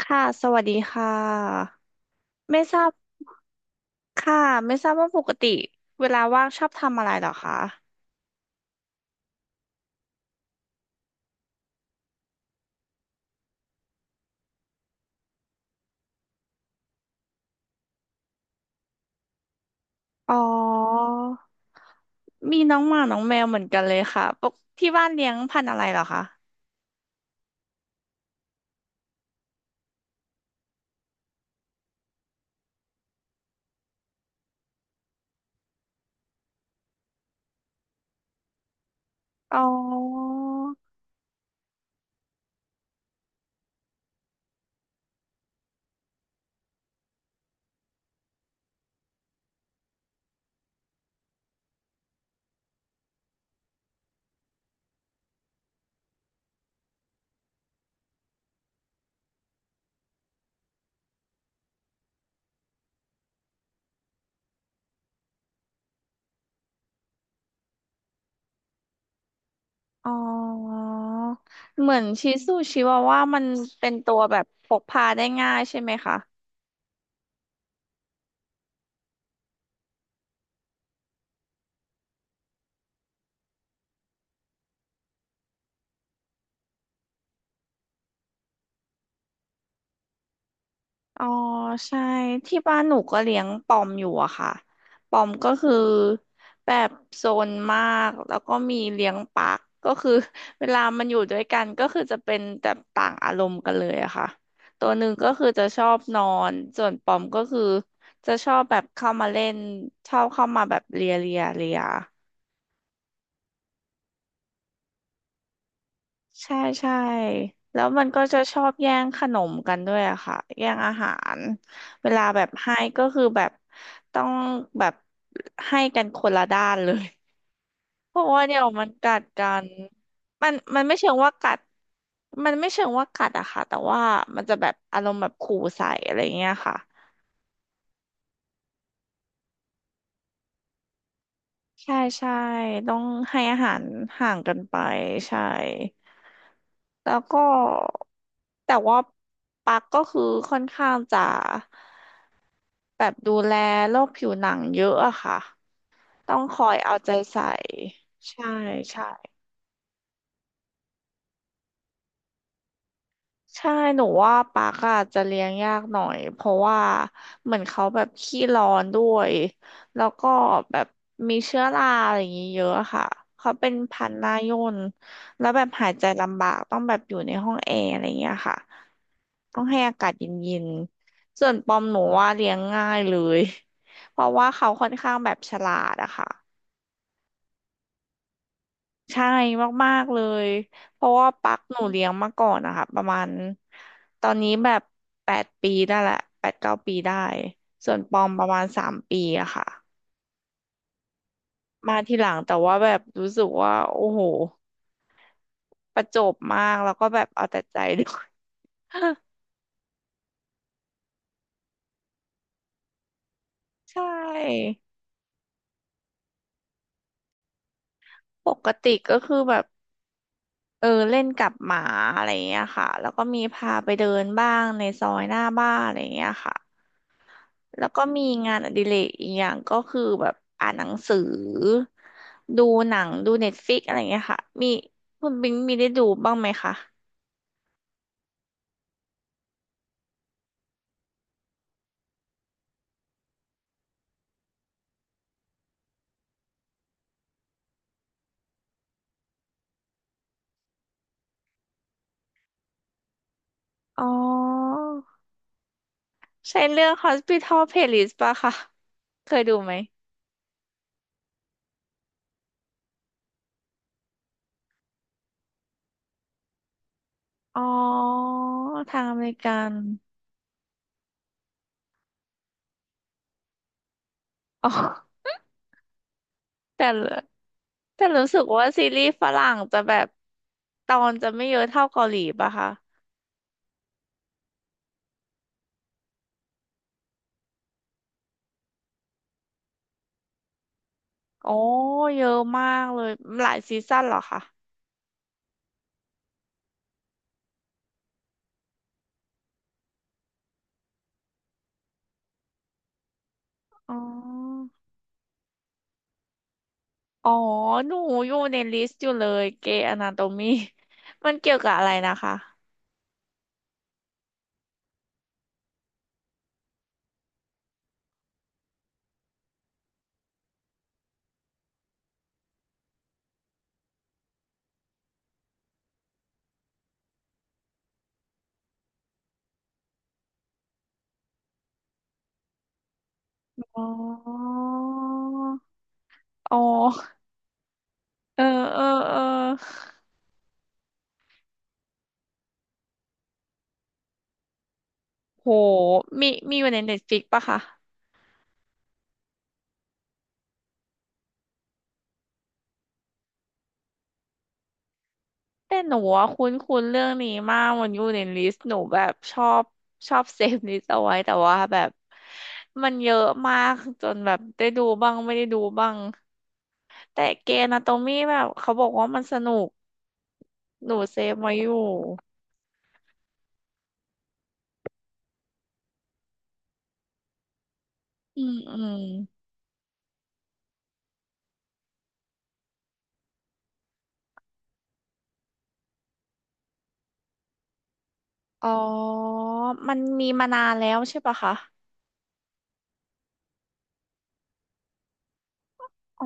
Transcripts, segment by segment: ค่ะสวัสดีค่ะไม่ทราบค่ะไม่ทราบว่าปกติเวลาว่างชอบทำอะไรเหรอคะอ๋อมีน้องหมาน้องแมวเหมือนกันเลยค่ะปกที่บ้านเลี้ยงพันธุ์อะไรเหรอคะอ๋ออ๋อเหมือนชิสุชิวาว่ามันเป็นตัวแบบพกพาได้ง่ายใช่ไหมคะ อ๋อใช่ที่บ้านหนูก็เลี้ยงปอมอยู่อะค่ะปอมก็คือแบบโซนมากแล้วก็มีเลี้ยงปักก็คือ เวลามันอยู่ด้วยกันก็คือจะเป็นแต่ต่างอารมณ์กันเลยอะค่ะตัวหนึ่งก็คือจะชอบนอนส่วนปอมก็คือจะชอบแบบเข้ามาเล่นชอบเข้ามาแบบเลียเลียเลีย ใช่ใช่แล้วมันก็จะชอบแย่งขนมกันด้วยอะค่ะแย่งอาหารเวลาแบบให้ก็คือแบบต้องแบบให้กันคนละด้านเลยเพราะว่าเดี๋ยวมันกัดกันมันไม่เชิงว่ากัดมันไม่เชิงว่ากัดอะค่ะแต่ว่ามันจะแบบอารมณ์แบบขู่ใส่อะไรเงี้ยค่ะใช่ใช่ต้องให้อาหารห่างกันไปใช่แล้วก็แต่ว่าปักก็คือค่อนข้างจะ แบบดูแลโรคผิวหนังเยอะอะค่ะ ต้องคอยเอาใจใส่ ใช่ใช่ใช่หนูว่าปากอะจจะเลี้ยงยากหน่อยเพราะว่าเหมือนเขาแบบขี้ร้อนด้วย แล้วก็แบบมีเชื้อราอะไรอย่างงี้เยอะอะค่ะเขาเป็นพันธุ์หน้าย่นแล้วแบบหายใจลำบากต้องแบบอยู่ในห้องแอร์อะไรอย่างเงี้ยค่ะต้องให้อากาศเย็นๆส่วนปอมหนูว่าเลี้ยงง่ายเลย เพราะว่าเขาค่อนข้างแบบฉลาดอะค่ะ ใช่มากๆเลยเพราะว่าปักหนูเลี้ยงมาก่อนนะคะประมาณตอนนี้แบบแปดปีได้แหละแปดเก้าปีได้ส่วนปอมประมาณสามปีอะค่ะมาทีหลังแต่ว่าแบบรู้สึกว่าโอ้โหประจบมากแล้วก็แบบเอาแต่ใจด้วย ใช่ปกติก็คือแบบเออเล่นกับหมาอะไรอย่างเงี้ยค่ะแล้วก็มีพาไปเดินบ้างในซอยหน้าบ้านอะไรอย่างเงี้ยค่ะ แล้วก็มีงานอดิเรกอีกอย่างก็คือแบบอ่านหนังสือดูหนังดูเน็ตฟ i ิกอะไรเงี้ยค่ะมีคุณบิงมีได้ดูบ้างไหมคะอ๋อใช่เรื่อง Hospital Playlist ป่ะคะเคยดูไหมอ๋อทางอเมริกันอ๋อแต่ละแต่รู้สึกว่าซีรีส์ฝรั่งจะแบบตอนจะไม่เยอะเท่าเกาหลีป่ะคะอ๋อเยอะมากเลยหลายซีซั่นเหรอคะอ๋อ อ๋อหนูอยู่ในลิสต์อยู่เลยเกย์อนาโตมี มันเกี่ยวกับอะไรนะคะอ๋ออ๋อเออเออเออโหมีมีอยู่ในเน็ตฟ i ิกปะคะแต่หนูอะคุ้นคุ้นเรื่องนี้มากมันอยู่ในลิสต์หนูแบบชอบชอบเซฟลิสต์เอาไว้แต่ว่าแบบมันเยอะมากจนแบบได้ดูบ้างไม่ได้ดูบ้างแต่เกย์อนาโตมีแบบเขาบอกว่ามันสนุกหนูเซฟไว้อยู่อืมอืม อ๋อมันมีมานานแล้วใช่ปะคะอ๋อ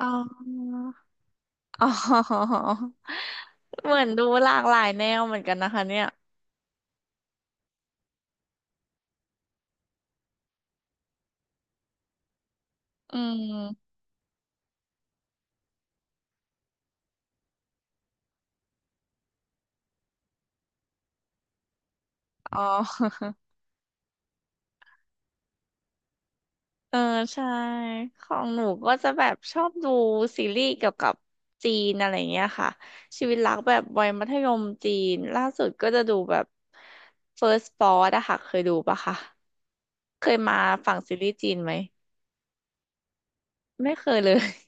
อ๋ออ๋อเหมือนดูหลากหลายแนวเหมือนกันนะคะเนี่ย อืมอ๋อเออใช่ ของหนูก็จะแบบชอบดูซีรีส์เกี่ยวกับจีนอะไรเงี้ยค่ะชีวิตรักแบบวัยมัธยมจีน ล่าสุดก็จะดูแบบ First Spot อะค่ะเคยดูปะคะ เคยมาฝั่งซีรีส์จีนไหม ไม่เคยเลย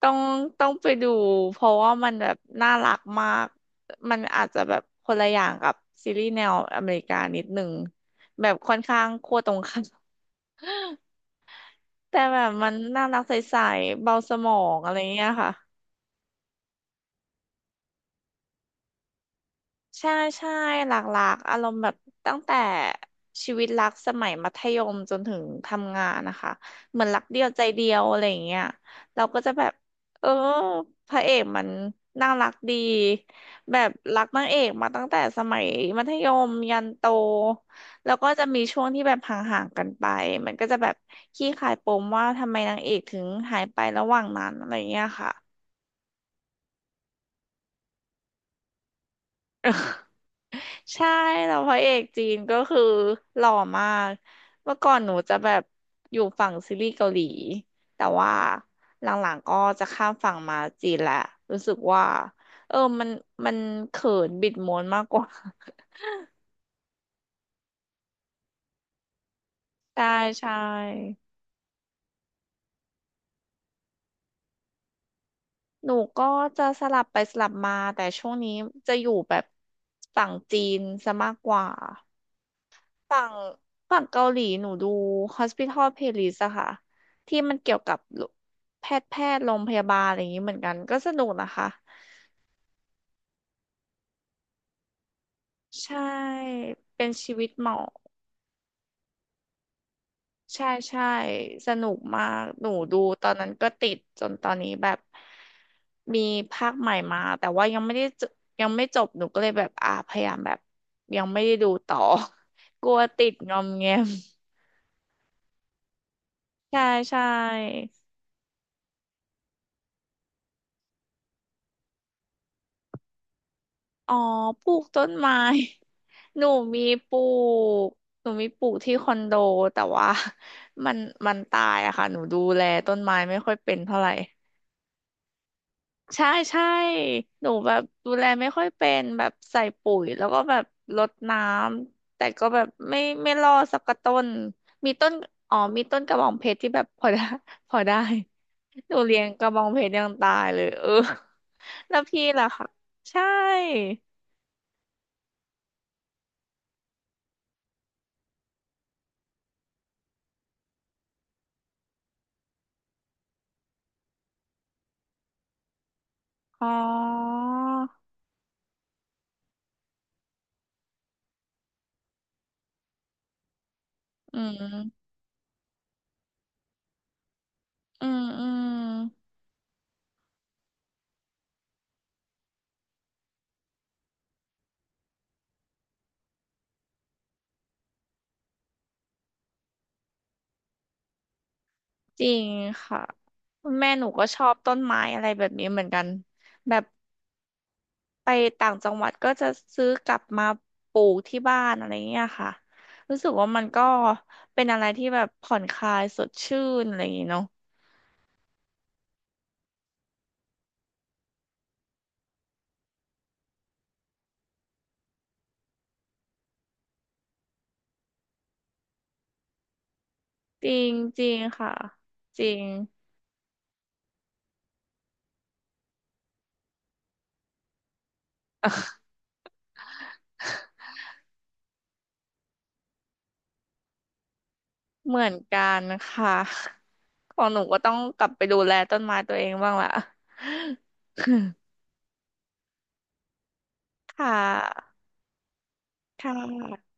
ต้องต้องไปดูเพราะว่ามันแบบน่ารักมาก มันอาจจะแบบคนละอย่างกับซีรีส์แนวอเมริกานิดหนึ่งแบบค่อนข้างขั้วตรงข้ามแต่แบบมันน่ารักใสๆเบาสมองอะไรเงี้ยค่ะ ใช่ใช่หลากหลากอารมณ์แบบตั้งแต่ชีวิตรักสมัยมัธยมจนถึงทำงานนะคะเหมือนรักเดียวใจเดียวอะไรอย่างเงี้ยเราก็จะแบบเออพระเอกมันน่ารักดีแบบรักนางเอกมาตั้งแต่สมัยมัธยมยันโตแล้วก็จะมีช่วงที่แบบห่างๆกันไปมันก็จะแบบขี้คายปมว่าทำไมนางเอกถึงหายไประหว่างนั้นอะไรอย่างเงี้ยค่ะ ใช่แล้วพระเอกจีนก็คือหล่อมากเมื่อก่อนหนูจะแบบอยู่ฝั่งซีรีส์เกาหลีแต่ว่าหลังๆก็จะข้ามฝั่งมาจีนแหละรู้สึกว่าเออมันเขินบิดม้วนมากกว่า ใช่ใช่หนูก็จะสลับไปสลับมาแต่ช่วงนี้จะอยู่แบบฝั่งจีนซะมากกว่า ฝั่งฝั่งเกาหลีหนูดู Hospital Playlist อะค่ะที่มันเกี่ยวกับแพทย์โรงพยาบาลอะไรอย่างนี้เหมือนกันก็สนุกนะคะใช่เป็นชีวิตหมอใช่ใช่สนุกมากหนูดูตอนนั้นก็ติดจนตอนนี้แบบมีภาคใหม่มาแต่ว่ายังไม่ได้จยังไม่จบหนูก็เลยแบบอ่าพยายามแบบยังไม่ได้ดูต่อ กลัวติดงอมแงม ใช่ใช่ อ๋อปลูกต้นไม้ หนูมีปลูกที่คอนโดแต่ว่า มันตายอะค่ะหนูดูแลต้นไม้ไม่ค่อยเป็นเท่าไหร่ใช่ใช่หนูแบบดูแลไม่ค่อยเป็นแบบใส่ปุ๋ยแล้วก็แบบรดน้ำแต่ก็แบบไม่รอดสักกระต้นมีต้นอ๋อมีต้นกระบองเพชรที่แบบพอได้ พอได้หนูเลี้ยงกระบองเพชรยังตายเลยเออแล้วพี่ล่ะคะใช่ อ๋ออืมอืมอืม จริงค่ะแม่หนูก็ชอบต้นไม้อะไรแบบนี้เหมือนกันแบบไปต่างจังหวัดก็จะซื้อกลับมาปลูกที่บ้านอะไรเงี้ยค่ะรู้สึกว่ามันก็เป็นอะไรที่แบบผ่อนคลายสดชื่นอะไรอย่างงี้เนาะจริงจริงค่ะจริงเหมือนกันค่ะของหนูก็ต้องกลับไปดูแลต้นไม้ตัวเองบ้างละ ค่ะค่ะ